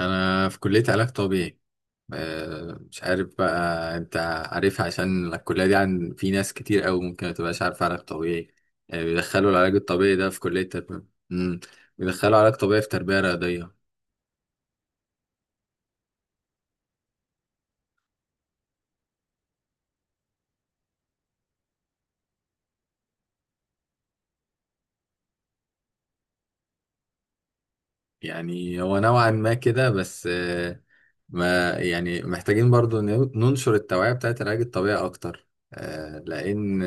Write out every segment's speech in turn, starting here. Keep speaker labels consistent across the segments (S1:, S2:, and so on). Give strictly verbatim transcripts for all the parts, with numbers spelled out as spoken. S1: انا في كلية علاج طبيعي. آه، مش عارف بقى انت عارف، عشان الكلية دي عن في ناس كتير قوي ممكن ما تبقاش عارفة علاج طبيعي. آه، بيدخلوا العلاج الطبيعي ده في كلية تربية. مم. بيدخلوا علاج طبيعي في تربية رياضية. يعني هو نوعا ما كده بس آه، ما يعني محتاجين برضو ن- ننشر التوعية بتاعت العلاج الطبيعي اكتر، آه، لان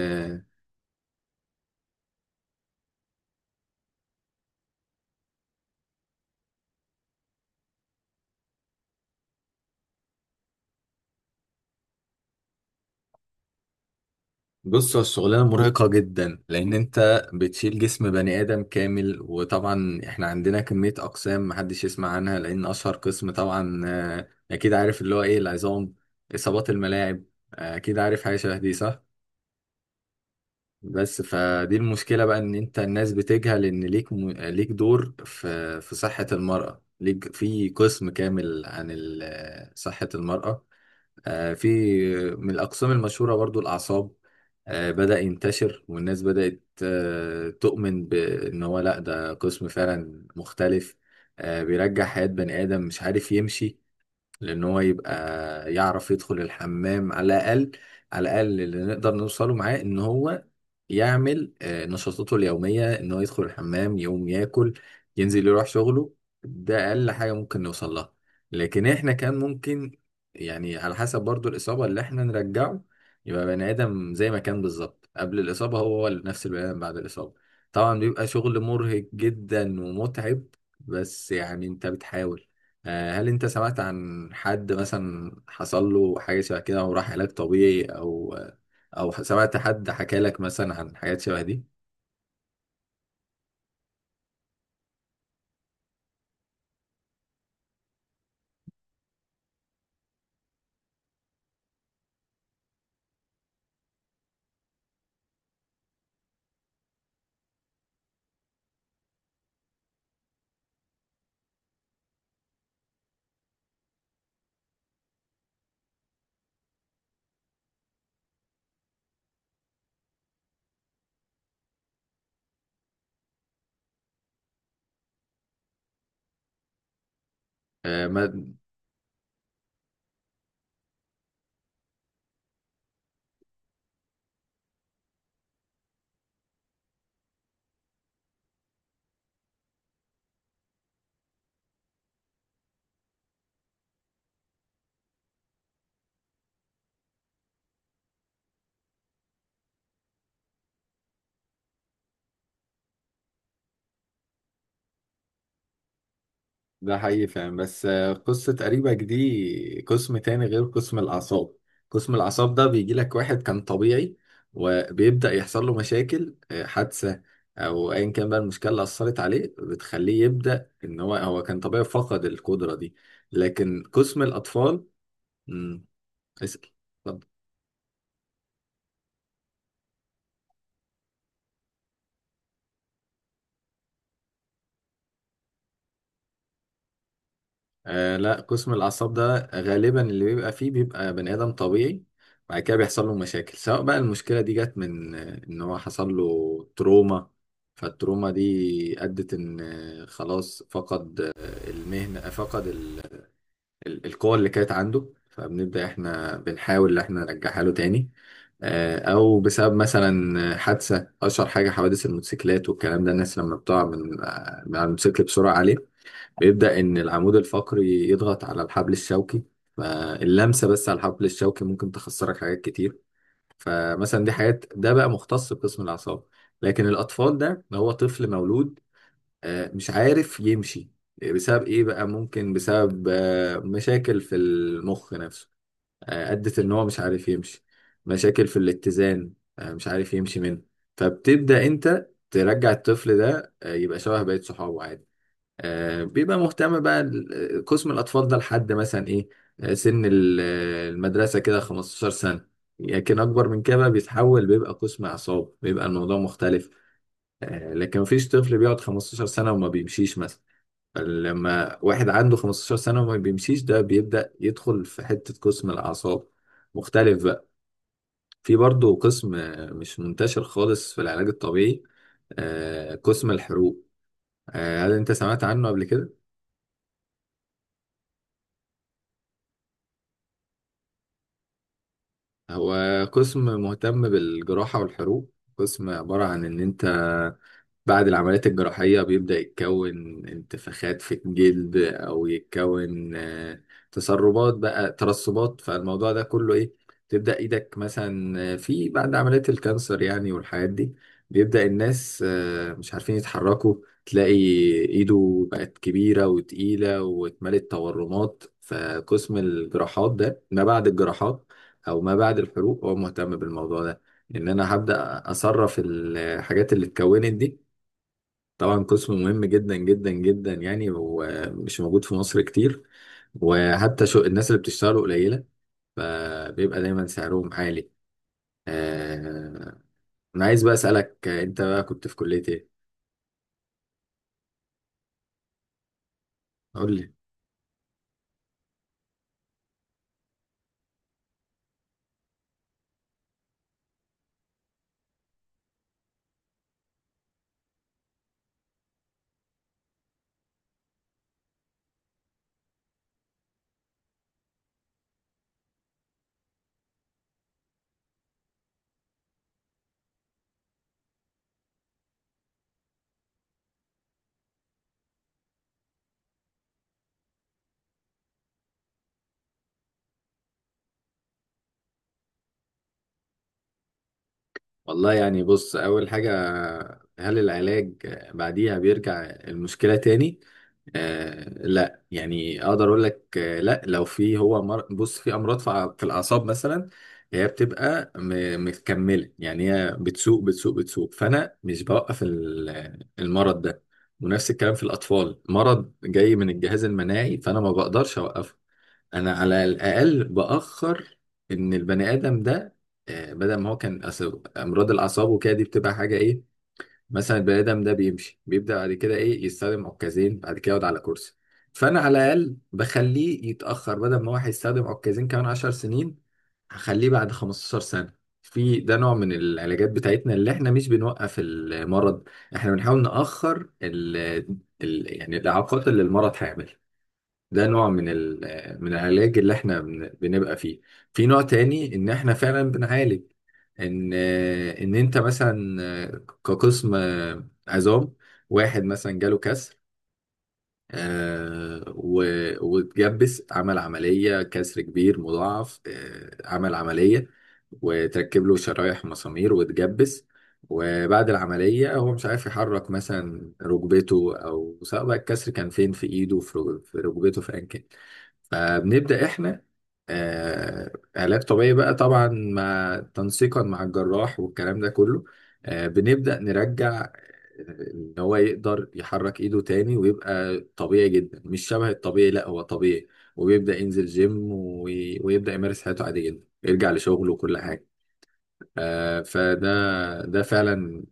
S1: بص، هو الشغلانة مرهقة جدا، لأن أنت بتشيل جسم بني آدم كامل. وطبعا إحنا عندنا كمية أقسام محدش يسمع عنها، لأن أشهر قسم طبعا آه، أكيد عارف اللي هو إيه، العظام، إصابات الملاعب. آه، أكيد عارف حاجة شبه دي، صح؟ بس فدي المشكلة بقى، إن أنت الناس بتجهل إن ليك م... ليك دور في في صحة المرأة. ليك في قسم كامل عن ال- صحة المرأة. آه، في من الأقسام المشهورة برضو الأعصاب. آه، بدأ ينتشر، والناس بدأت آه، تؤمن بأن هو لأ، ده قسم فعلا مختلف. آه، بيرجع حياة بني آدم مش عارف يمشي، لان هو يبقى يعرف يدخل الحمام على الاقل. على الاقل اللي نقدر نوصله معاه، ان هو يعمل آه، نشاطاته اليوميه، ان هو يدخل الحمام، يقوم ياكل، ينزل يروح شغله. ده اقل حاجه ممكن نوصل لها. لكن احنا كان ممكن، يعني على حسب برضو الاصابه اللي احنا نرجعه، يبقى بني ادم زي ما كان بالظبط قبل الاصابه، هو هو نفس البني ادم بعد الاصابه. طبعا بيبقى شغل مرهق جدا ومتعب، بس يعني انت بتحاول. آه، هل انت سمعت عن حد مثلا حصل له حاجة شبه كده، وراح علاج طبيعي، او او سمعت حد حكى لك مثلا عن حاجات شبه دي؟ آه، ما ده حقيقي فعلا، بس آه، قصة قريبك دي قسم تاني غير قسم الأعصاب. قسم الأعصاب ده بيجي لك واحد كان طبيعي، وبيبدأ يحصل له مشاكل، آه، حادثة أو أيا كان بقى، المشكلة اللي أثرت عليه بتخليه يبدأ، إن هو هو كان طبيعي فقد القدرة دي. لكن قسم الأطفال مم، اسأل. اتفضل. آه لا، قسم الأعصاب ده غالبا اللي بيبقى فيه، بيبقى بني آدم طبيعي، بعد كده بيحصل له مشاكل، سواء بقى المشكلة دي جت من آه، إن هو حصل له تروما. فالتروما دي أدت إن آه، خلاص فقد آه، المهنة، آه، فقد ال- ال- القوة اللي كانت عنده. فبنبدأ إحنا بنحاول إن إحنا نرجعها له تاني. آه، أو بسبب مثلا حادثة. أشهر حاجة حوادث الموتوسيكلات والكلام ده، الناس لما بتقع من آه، من على الموتوسيكل بسرعة عليه، بيبدأ إن العمود الفقري يضغط على الحبل الشوكي. فاللمسة بس على الحبل الشوكي ممكن تخسرك حاجات كتير. فمثلا دي حاجات، ده بقى مختص بقسم الأعصاب. لكن الأطفال ده، ده هو طفل مولود آه، مش عارف يمشي. بسبب إيه بقى؟ ممكن بسبب آه، مشاكل في المخ نفسه آه، أدت إن هو مش عارف يمشي. مشاكل في الاتزان آه، مش عارف يمشي منه. فبتبدأ أنت ترجع الطفل ده آه، يبقى شبه بقية صحابه عادي. آه، بيبقى مهتم بقى ال- آه، قسم الأطفال ده لحد مثلا إيه، آه، سن ال- آه، المدرسة كده 15 سنة. لكن أكبر من كده بقى بيتحول، بيبقى قسم أعصاب، بيبقى الموضوع مختلف. آه، لكن مفيش طفل بيقعد 15 سنة وما بيمشيش مثلا. لما واحد عنده 15 سنة وما بيمشيش، ده بيبدأ يدخل في حتة قسم الأعصاب، مختلف بقى. في برضه قسم آه، مش منتشر خالص في العلاج الطبيعي، آه، قسم الحروق. آه، هل أنت سمعت عنه قبل كده؟ هو قسم مهتم بالجراحة والحروق. قسم عبارة عن إن أنت بعد العمليات الجراحية بيبدأ يتكون انتفاخات في الجلد، أو يتكون آه، تسربات بقى، ترسبات. فالموضوع ده كله إيه، تبدأ إيدك مثلا آه، في بعد عمليات الكانسر يعني والحاجات دي، بيبدأ الناس آه، مش عارفين يتحركوا. تلاقي إيده بقت كبيرة وتقيلة واتملت تورمات. فقسم الجراحات ده، ما بعد الجراحات أو ما بعد الحروق، هو مهتم بالموضوع ده. إن أنا هبدأ أصرف الحاجات اللي اتكونت دي. طبعا قسم مهم جدا جدا جدا يعني، ومش موجود في مصر كتير، وحتى شو الناس اللي بتشتغله قليلة، فبيبقى دايما سعرهم عالي. آه، أنا عايز بقى أسألك آه، أنت بقى كنت في كلية إيه؟ قول لي. والله يعني بص، أول حاجة، هل العلاج بعديها بيرجع المشكلة تاني؟ آه لا يعني، أقدر أقول لك آه لا. لو في هو مر... بص، في أمراض في ع- في الأعصاب مثلا، هي بتبقى م... متكملة. يعني هي بتسوق بتسوق بتسوق، فأنا مش بوقف ال- المرض ده. ونفس الكلام في الأطفال، مرض جاي من الجهاز المناعي فأنا ما بقدرش أوقفه. انا على الاقل باخر ان البني ادم ده، آه، بدل ما هو كان، أصل امراض الاعصاب وكده دي بتبقى حاجه ايه، مثلا البني ادم ده بيمشي، بيبدا بعد كده ايه يستخدم عكازين، بعد كده يقعد على كرسي. فانا على الاقل بخليه يتاخر، بدل ما هو هيستخدم عكازين كمان 10 سنين، هخليه بعد خمسة عشر سنة سنه. في ده نوع من العلاجات بتاعتنا اللي احنا مش بنوقف المرض. احنا بنحاول ناخر ال ال يعني الاعاقات اللي المرض هيعملها. ده نوع من ال من العلاج اللي احنا بن- بنبقى فيه. في نوع تاني، ان احنا فعلا بنعالج، ان ان انت مثلا كقسم عظام، واحد مثلا جاله كسر آه، و- واتجبس. عمل عملية، كسر كبير مضاعف، آه، عمل عملية وتركب له شرايح مسامير واتجبس. وبعد العملية هو مش عارف يحرك مثلا ركبته، أو سواء بقى الكسر كان فين، في إيده، في رج- في ركبته، في أيا كان. فبنبدأ إحنا آه، علاج طبيعي بقى، طبعا مع تنسيقا مع الجراح والكلام ده كله. آه، بنبدأ نرجع آه، إن هو يقدر يحرك إيده تاني، ويبقى طبيعي جدا، مش شبه الطبيعي، لا هو طبيعي. وبيبدأ ينزل جيم، وي- ويبدأ يمارس حياته عادي جدا، يرجع لشغله وكل حاجة. آه، فده ده فعلا.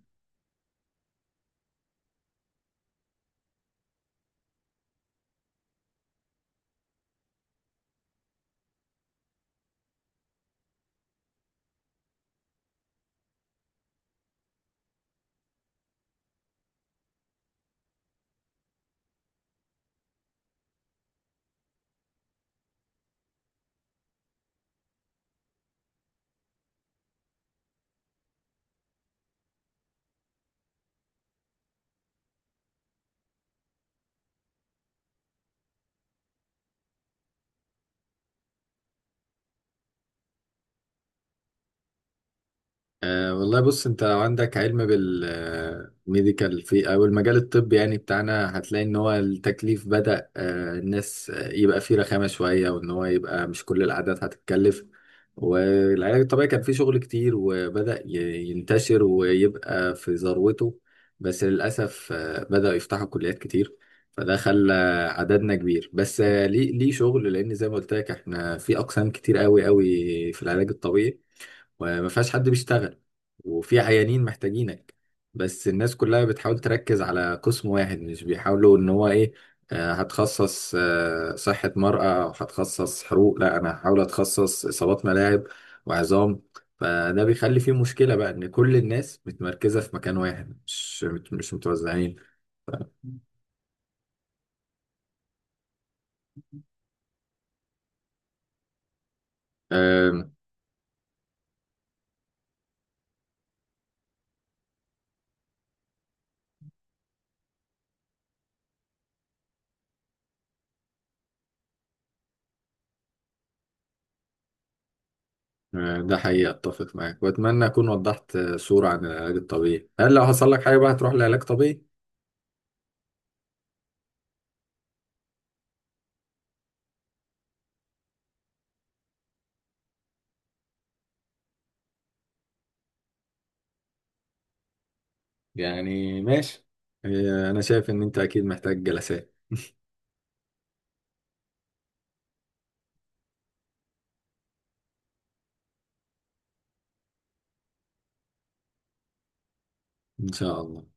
S1: أه والله، بص انت لو عندك علم بالميديكال في او المجال الطبي يعني بتاعنا، هتلاقي ان هو التكليف بدأ أه الناس آه، يبقى فيه رخامة شوية، وان هو يبقى مش كل العادات هتتكلف. والعلاج الطبيعي كان فيه شغل كتير، وبدأ ي- ينتشر ويبقى في ذروته، بس للأسف آه، بدأوا يفتحوا كليات كتير. فده خلى عددنا كبير، بس آه، ليه ليه شغل، لأن زي ما قلت لك احنا في أقسام كتير قوي قوي في العلاج الطبيعي، وما فيهاش حد بيشتغل، وفي عيانين محتاجينك. بس الناس كلها بتحاول تركز على قسم واحد، مش بيحاولوا ان هو ايه، آه، هتخصص آه، صحة مرأة او هتخصص حروق. لا انا هحاول اتخصص اصابات ملاعب وعظام. فده بيخلي فيه مشكلة بقى، ان كل الناس متمركزة في مكان واحد، مش مش متوزعين. آم، آه، ده حقيقي، اتفق معاك، واتمنى اكون وضحت آه، صورة عن العلاج الطبيعي. هل لو حصل لك حاجة بقى هتروح لعلاج طبيعي؟ يعني ماشي، إيه، انا شايف ان انت اكيد محتاج جلسات. ان شاء الله.